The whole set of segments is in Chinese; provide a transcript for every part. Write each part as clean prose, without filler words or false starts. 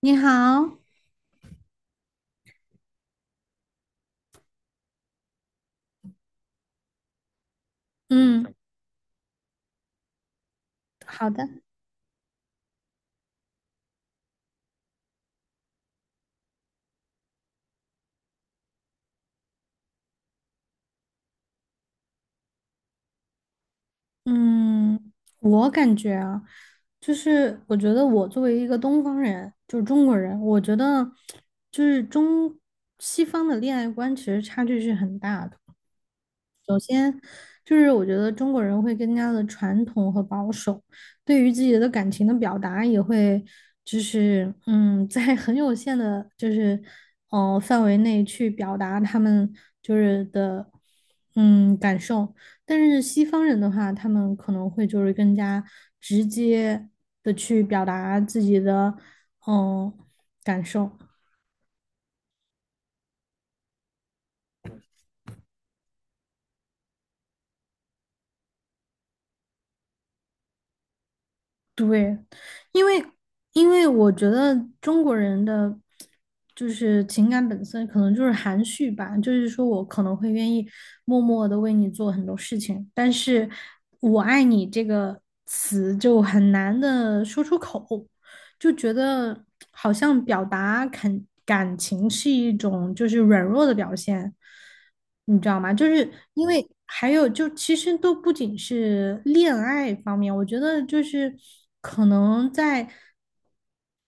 你好，嗯，好的，嗯，我感觉啊，就是我觉得我作为一个东方人，就是中国人，我觉得就是中西方的恋爱观其实差距是很大的。就是我觉得中国人会更加的传统和保守，对于自己的感情的表达也会，就是在 很有限的，就是范围内去表达他们就是的感受。但是西方人的话，他们可能会就是更加直接的去表达自己的嗯感受。对，因为因为我觉得中国人的就是情感本身可能就是含蓄吧，就是说我可能会愿意默默的为你做很多事情，但是我爱你这个词就很难的说出口。就觉得好像表达肯感情是一种就是软弱的表现，你知道吗？就是因为还有就其实都不仅是恋爱方面，我觉得就是可能在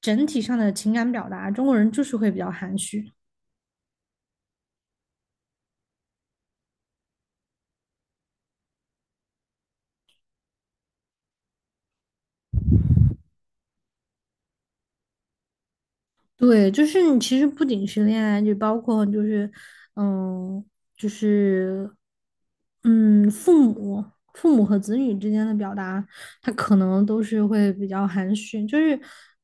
整体上的情感表达，中国人就是会比较含蓄。对，就是你其实不仅是恋爱，就包括就是，嗯，就是，嗯，父母、父母和子女之间的表达，他可能都是会比较含蓄，就是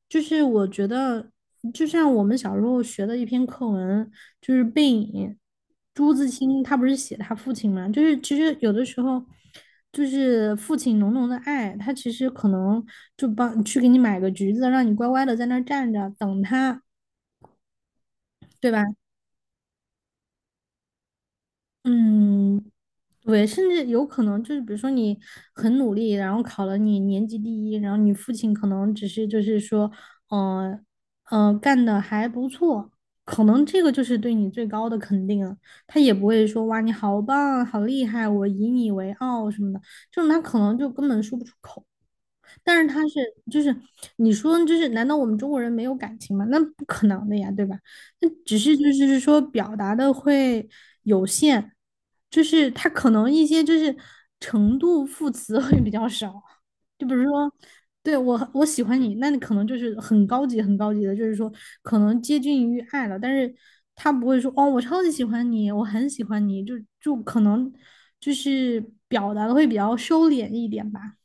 就是我觉得，就像我们小时候学的一篇课文，就是《背影》，朱自清他不是写他父亲嘛，就是其实有的时候。就是父亲浓浓的爱，他其实可能就帮去给你买个橘子，让你乖乖的在那儿站着等他，对吧？嗯，对，甚至有可能就是，比如说你很努力，然后考了你年级第一，然后你父亲可能只是就是说，呃干的还不错，可能这个就是对你最高的肯定了。他也不会说哇，你好棒，好厉害，我以你为傲什么的，就种他可能就根本说不出口。但是他是就是你说就是难道我们中国人没有感情吗？那不可能的呀，对吧？那只是就是说表达的会有限，就是他可能一些就是程度副词会比较少，就比如说。对，我喜欢你，那你可能就是很高级、很高级的，就是说可能接近于爱了，但是他不会说哦，我超级喜欢你，我很喜欢你，就可能就是表达的会比较收敛一点吧。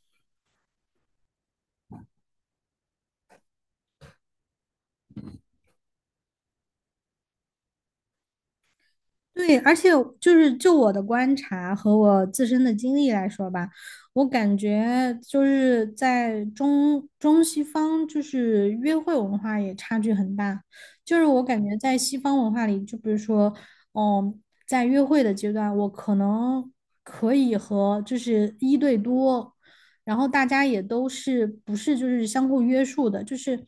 对，而且就是就我的观察和我自身的经历来说吧，我感觉就是在中西方就是约会文化也差距很大。就是我感觉在西方文化里，就比如说，嗯，在约会的阶段，我可能可以和就是一对多然后大家也都是不是就是相互约束的，就是，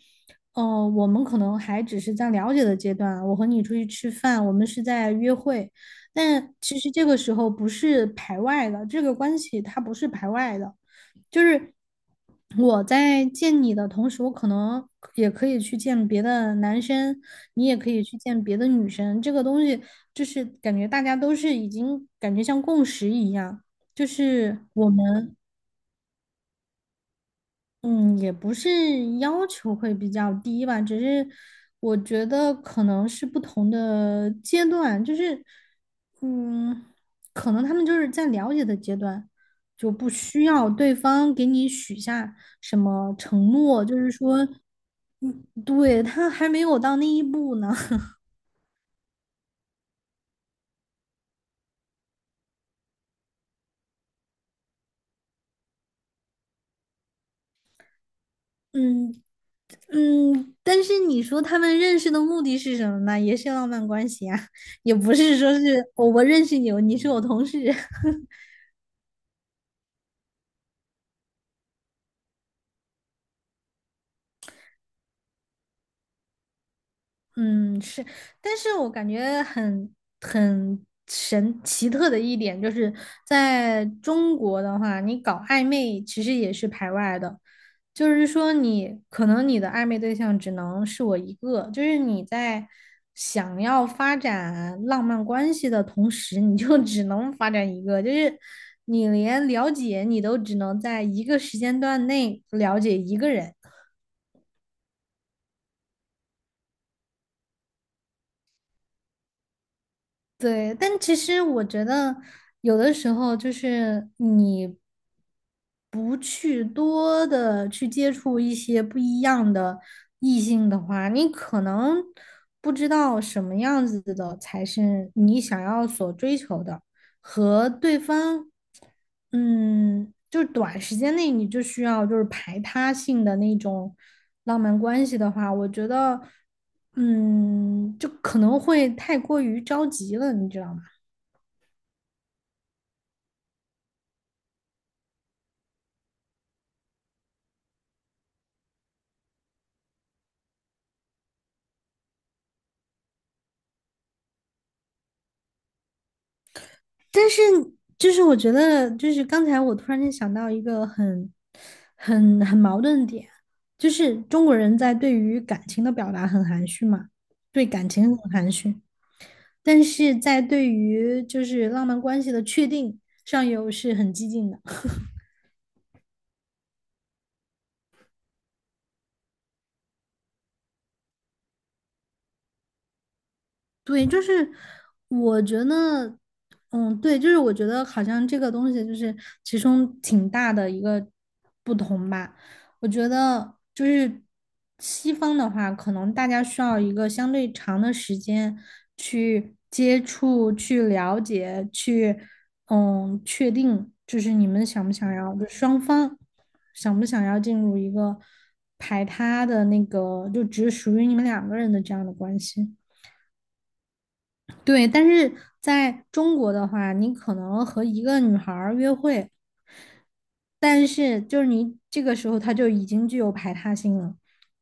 我们可能还只是在了解的阶段啊，我和你出去吃饭，我们是在约会，但其实这个时候不是排外的，这个关系它不是排外的，就是我在见你的同时，我可能也可以去见别的男生，你也可以去见别的女生，这个东西就是感觉大家都是已经感觉像共识一样，就是我们。嗯，也不是要求会比较低吧，只是我觉得可能是不同的阶段，就是，嗯，可能他们就是在了解的阶段，就不需要对方给你许下什么承诺，就是说，嗯，对，他还没有到那一步呢，嗯嗯，但是你说他们认识的目的是什么呢？也是浪漫关系啊，也不是说是我认识你，你是我同事。嗯，是，但是我感觉很很神奇特的一点，就是在中国的话，你搞暧昧其实也是排外的，就是说你可能你的暧昧对象只能是我一个，就是你在想要发展浪漫关系的同时，你就 只能发展一个，就是你连了解你都只能在一个时间段内了解一个人。对，但其实我觉得有的时候就是你不去多的去接触一些不一样的异性的话，你可能不知道什么样子的才是你想要所追求的，和对方，就是短时间内你就需要就是排他性的那种。浪漫关系的话，我觉得，就可能会太过于着急了，你知道吗？但是，就是我觉得，就是刚才我突然间想到一个很、很、很矛盾的点，就是中国人在对于感情的表达很含蓄嘛，对感情很含蓄，但是在对于就是浪漫关系的确定上又是很激进的。对，就是我觉得，嗯，对，就是我觉得好像这个东西就是其中挺大的一个不同吧。我觉得就是西方的话，可能大家需要一个相对长的时间去接触、去了解、去确定，就是你们想不想要，就双方想不想要进入一个排他的那个，就只属于你们两个人的这样的关系。对，但是在中国的话，你可能和一个女孩儿约会，但是就是你这个时候她就已经具有排他性了。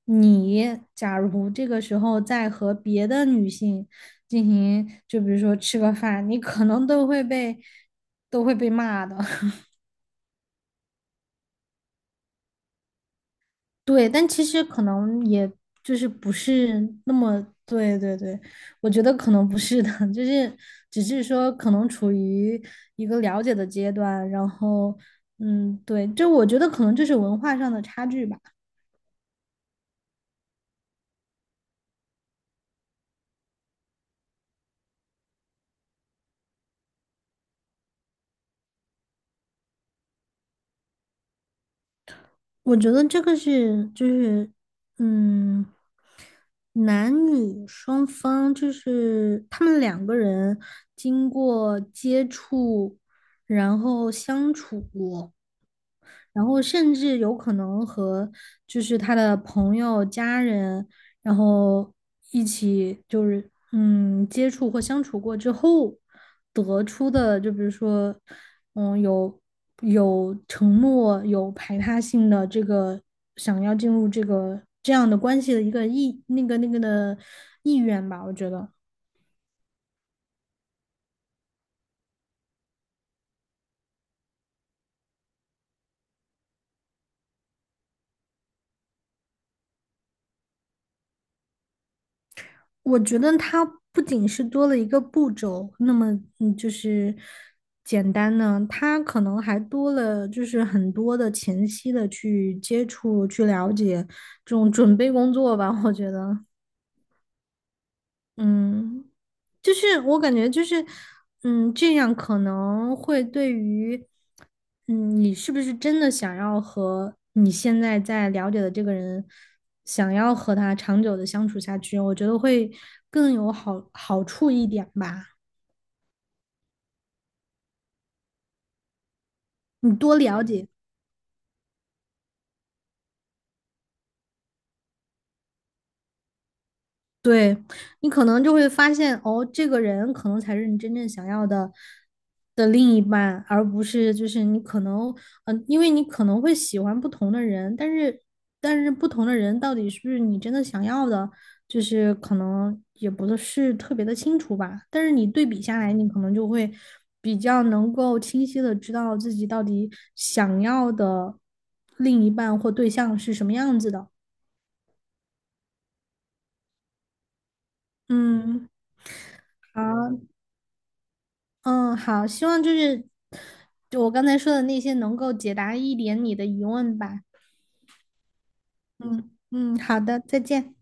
你假如这个时候再和别的女性进行，就比如说吃个饭，你可能都会被骂的。对，但其实可能也就是不是那么，对对对，我觉得可能不是的，就是只是说可能处于一个了解的阶段，然后嗯，对，就我觉得可能就是文化上的差距吧，我觉得这个是就是嗯，男女双方就是他们两个人经过接触，然后相处。然后甚至有可能和就是他的朋友、家人，然后一起就是接触或相处过之后得出的，就比如说嗯有有承诺、有排他性的这个想要进入这个这样的关系的一个意那个那个的意愿吧，我觉得。我觉得它不仅是多了一个步骤，那么就是简单呢，它可能还多了就是很多的前期的去接触、去了解这种准备工作吧，我觉得。嗯，就是我感觉就是，这样可能会对于，你是不是真的想要和你现在在了解的这个人，想要和他长久的相处下去，我觉得会更有好处一点吧。你多了解。对，你可能就会发现，哦，这个人可能才是你真正想要的另一半，而不是就是你可能，因为你可能会喜欢不同的人，但是不同的人到底是不是你真的想要的，就是可能也不是特别的清楚吧。但是你对比下来，你可能就会比较能够清晰的知道自己到底想要的另一半或对象是什么样子的。嗯，好，嗯，好，希望就是就我刚才说的那些能够解答一点你的疑问吧。嗯嗯，好的，再见。